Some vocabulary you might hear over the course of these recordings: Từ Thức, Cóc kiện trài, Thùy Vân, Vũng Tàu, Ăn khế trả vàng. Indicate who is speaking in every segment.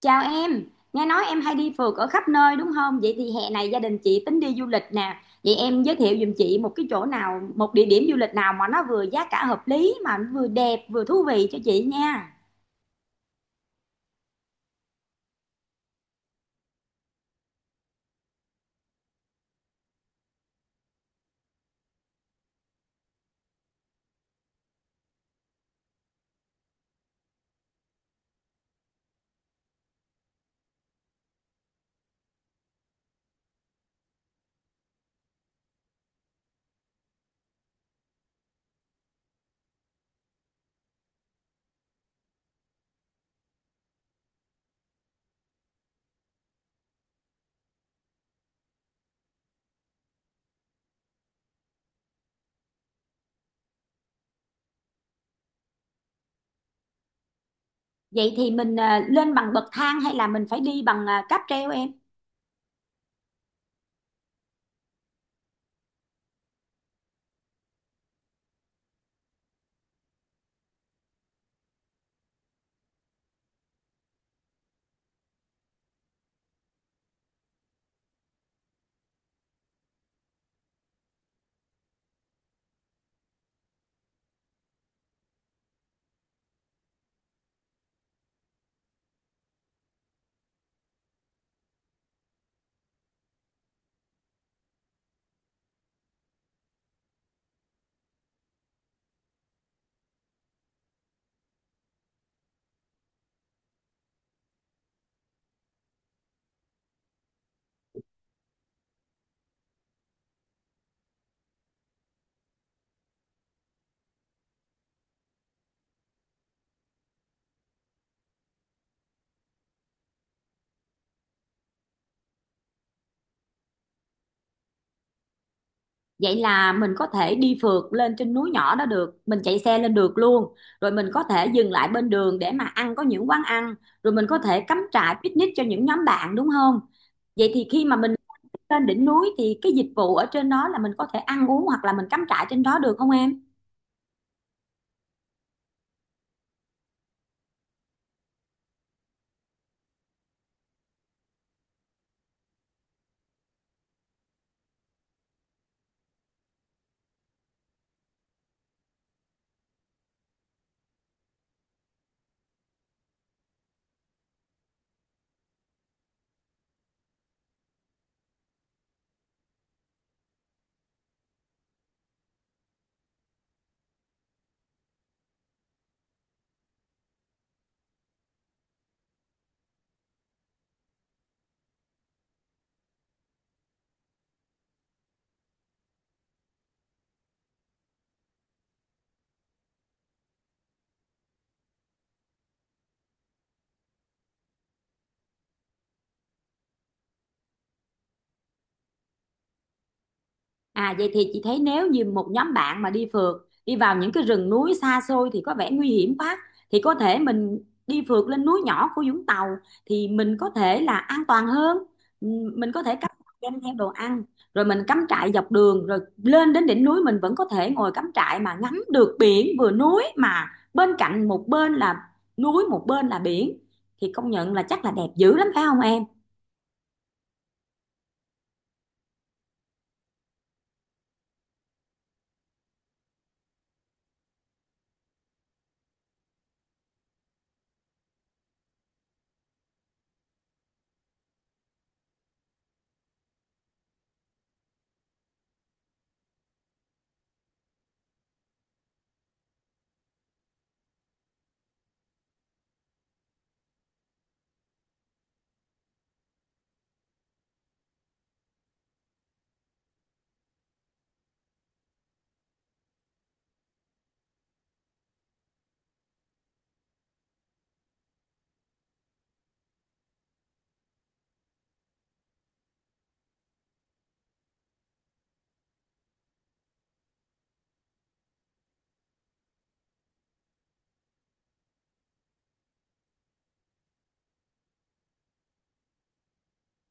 Speaker 1: Chào em, nghe nói em hay đi phượt ở khắp nơi đúng không? Vậy thì hè này gia đình chị tính đi du lịch nè. Vậy em giới thiệu giùm chị một cái chỗ nào, một địa điểm du lịch nào mà nó vừa giá cả hợp lý mà nó vừa đẹp vừa thú vị cho chị nha. Vậy thì mình lên bằng bậc thang hay là mình phải đi bằng cáp treo em? Vậy là mình có thể đi phượt lên trên núi nhỏ đó được, mình chạy xe lên được luôn. Rồi mình có thể dừng lại bên đường để mà ăn có những quán ăn, rồi mình có thể cắm trại picnic cho những nhóm bạn đúng không? Vậy thì khi mà mình lên đỉnh núi thì cái dịch vụ ở trên đó là mình có thể ăn uống hoặc là mình cắm trại trên đó được không em? À vậy thì chị thấy nếu như một nhóm bạn mà đi phượt đi vào những cái rừng núi xa xôi thì có vẻ nguy hiểm quá, thì có thể mình đi phượt lên núi nhỏ của Vũng Tàu thì mình có thể là an toàn hơn. Ừm, mình có thể cắm trại đem theo đồ ăn, rồi mình cắm trại dọc đường rồi lên đến đỉnh núi mình vẫn có thể ngồi cắm trại mà ngắm được biển vừa núi, mà bên cạnh một bên là núi một bên là biển thì công nhận là chắc là đẹp dữ lắm phải không em?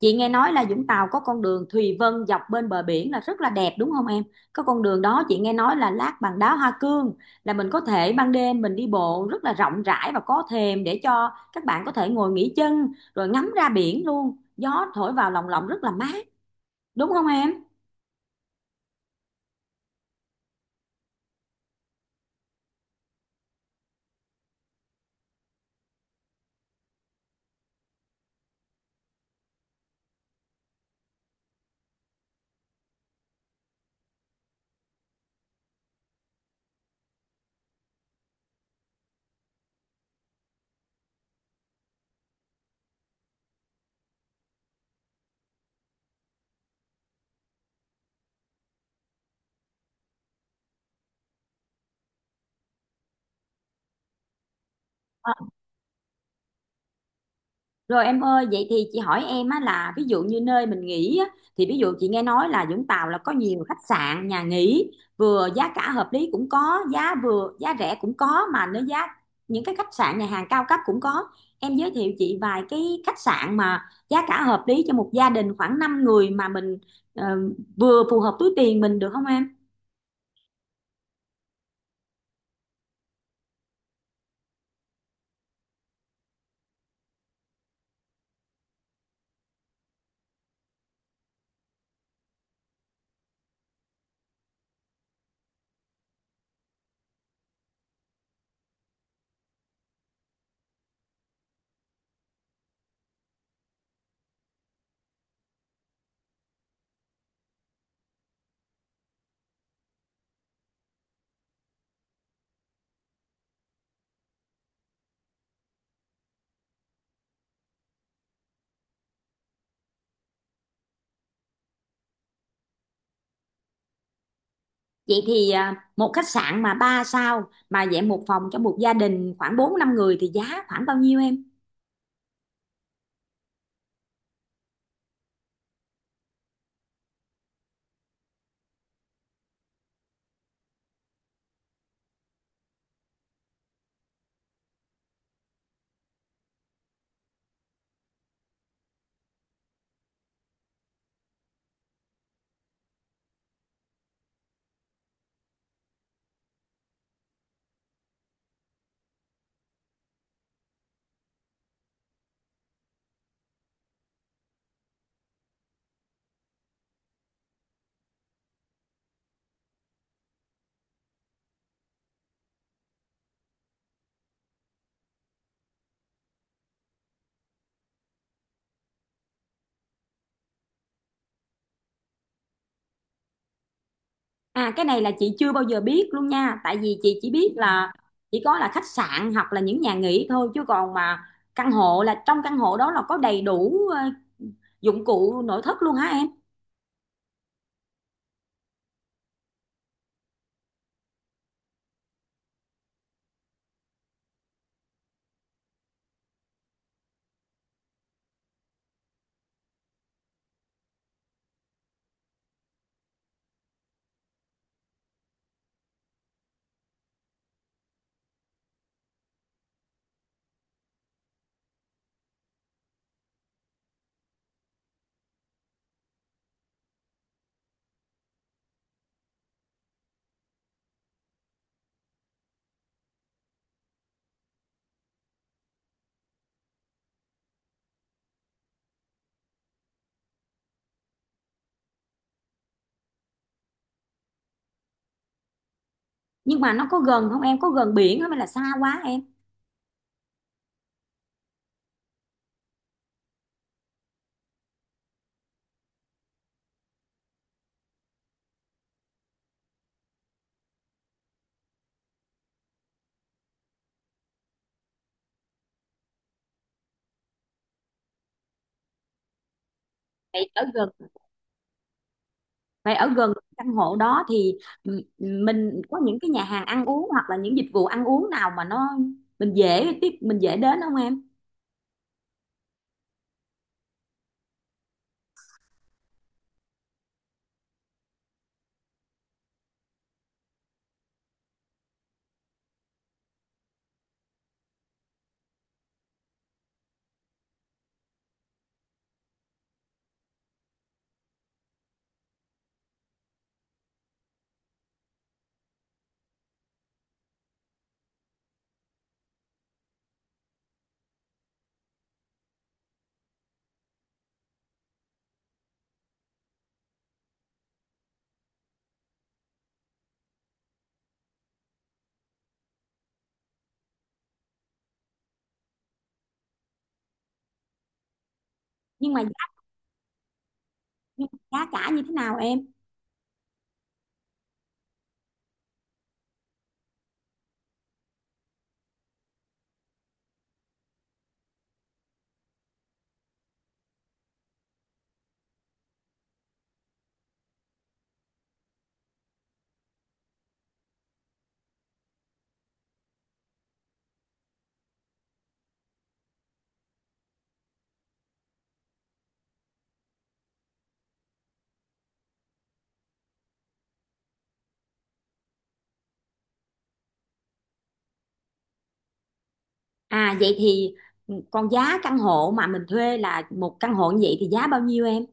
Speaker 1: Chị nghe nói là Vũng Tàu có con đường Thùy Vân dọc bên bờ biển là rất là đẹp đúng không em? Có con đường đó chị nghe nói là lát bằng đá hoa cương, là mình có thể ban đêm mình đi bộ rất là rộng rãi và có thềm để cho các bạn có thể ngồi nghỉ chân rồi ngắm ra biển luôn. Gió thổi vào lồng lộng rất là mát, đúng không em? Rồi em ơi, vậy thì chị hỏi em á là ví dụ như nơi mình nghỉ á, thì ví dụ chị nghe nói là Vũng Tàu là có nhiều khách sạn, nhà nghỉ vừa giá cả hợp lý cũng có, giá vừa giá rẻ cũng có, mà nếu giá những cái khách sạn nhà hàng cao cấp cũng có. Em giới thiệu chị vài cái khách sạn mà giá cả hợp lý cho một gia đình khoảng 5 người mà mình ờ, vừa phù hợp túi tiền mình được không em? Vậy thì một khách sạn mà 3 sao mà dạng một phòng cho một gia đình khoảng 4 5 người thì giá khoảng bao nhiêu em? À cái này là chị chưa bao giờ biết luôn nha. Tại vì chị chỉ biết là chỉ có là khách sạn hoặc là những nhà nghỉ thôi, chứ còn mà căn hộ là trong căn hộ đó là có đầy đủ dụng cụ nội thất luôn hả em? Nhưng mà nó có gần không em, có gần biển không hay là xa quá em? Vậy ở gần Vậy ở gần căn hộ đó thì mình có những cái nhà hàng ăn uống hoặc là những dịch vụ ăn uống nào mà nó mình dễ tiếp mình dễ đến không em? Nhưng mà giá, nhưng mà giá cả như thế nào em? À vậy thì còn giá căn hộ mà mình thuê là một căn hộ như vậy thì giá bao nhiêu em?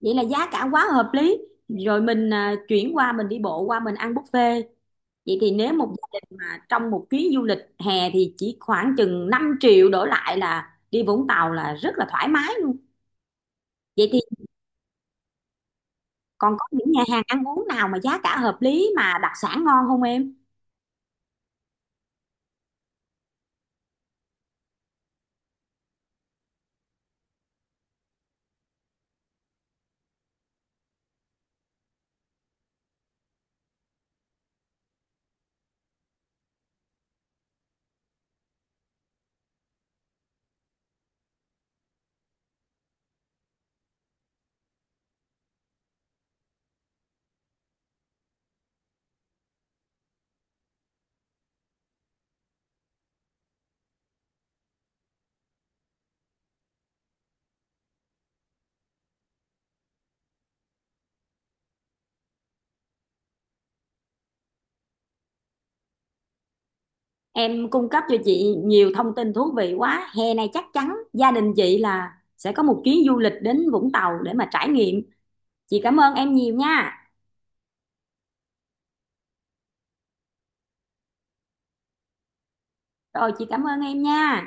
Speaker 1: Vậy là giá cả quá hợp lý. Rồi mình chuyển qua mình đi bộ qua mình ăn buffet. Vậy thì nếu một gia đình mà trong một chuyến du lịch hè thì chỉ khoảng chừng 5 triệu đổ lại là đi Vũng Tàu là rất là thoải mái luôn. Vậy thì còn có những nhà hàng ăn uống nào mà giá cả hợp lý mà đặc sản ngon không em? Em cung cấp cho chị nhiều thông tin thú vị quá. Hè này chắc chắn gia đình chị là sẽ có một chuyến du lịch đến Vũng Tàu để mà trải nghiệm. Chị cảm ơn em nhiều nha. Rồi chị cảm ơn em nha.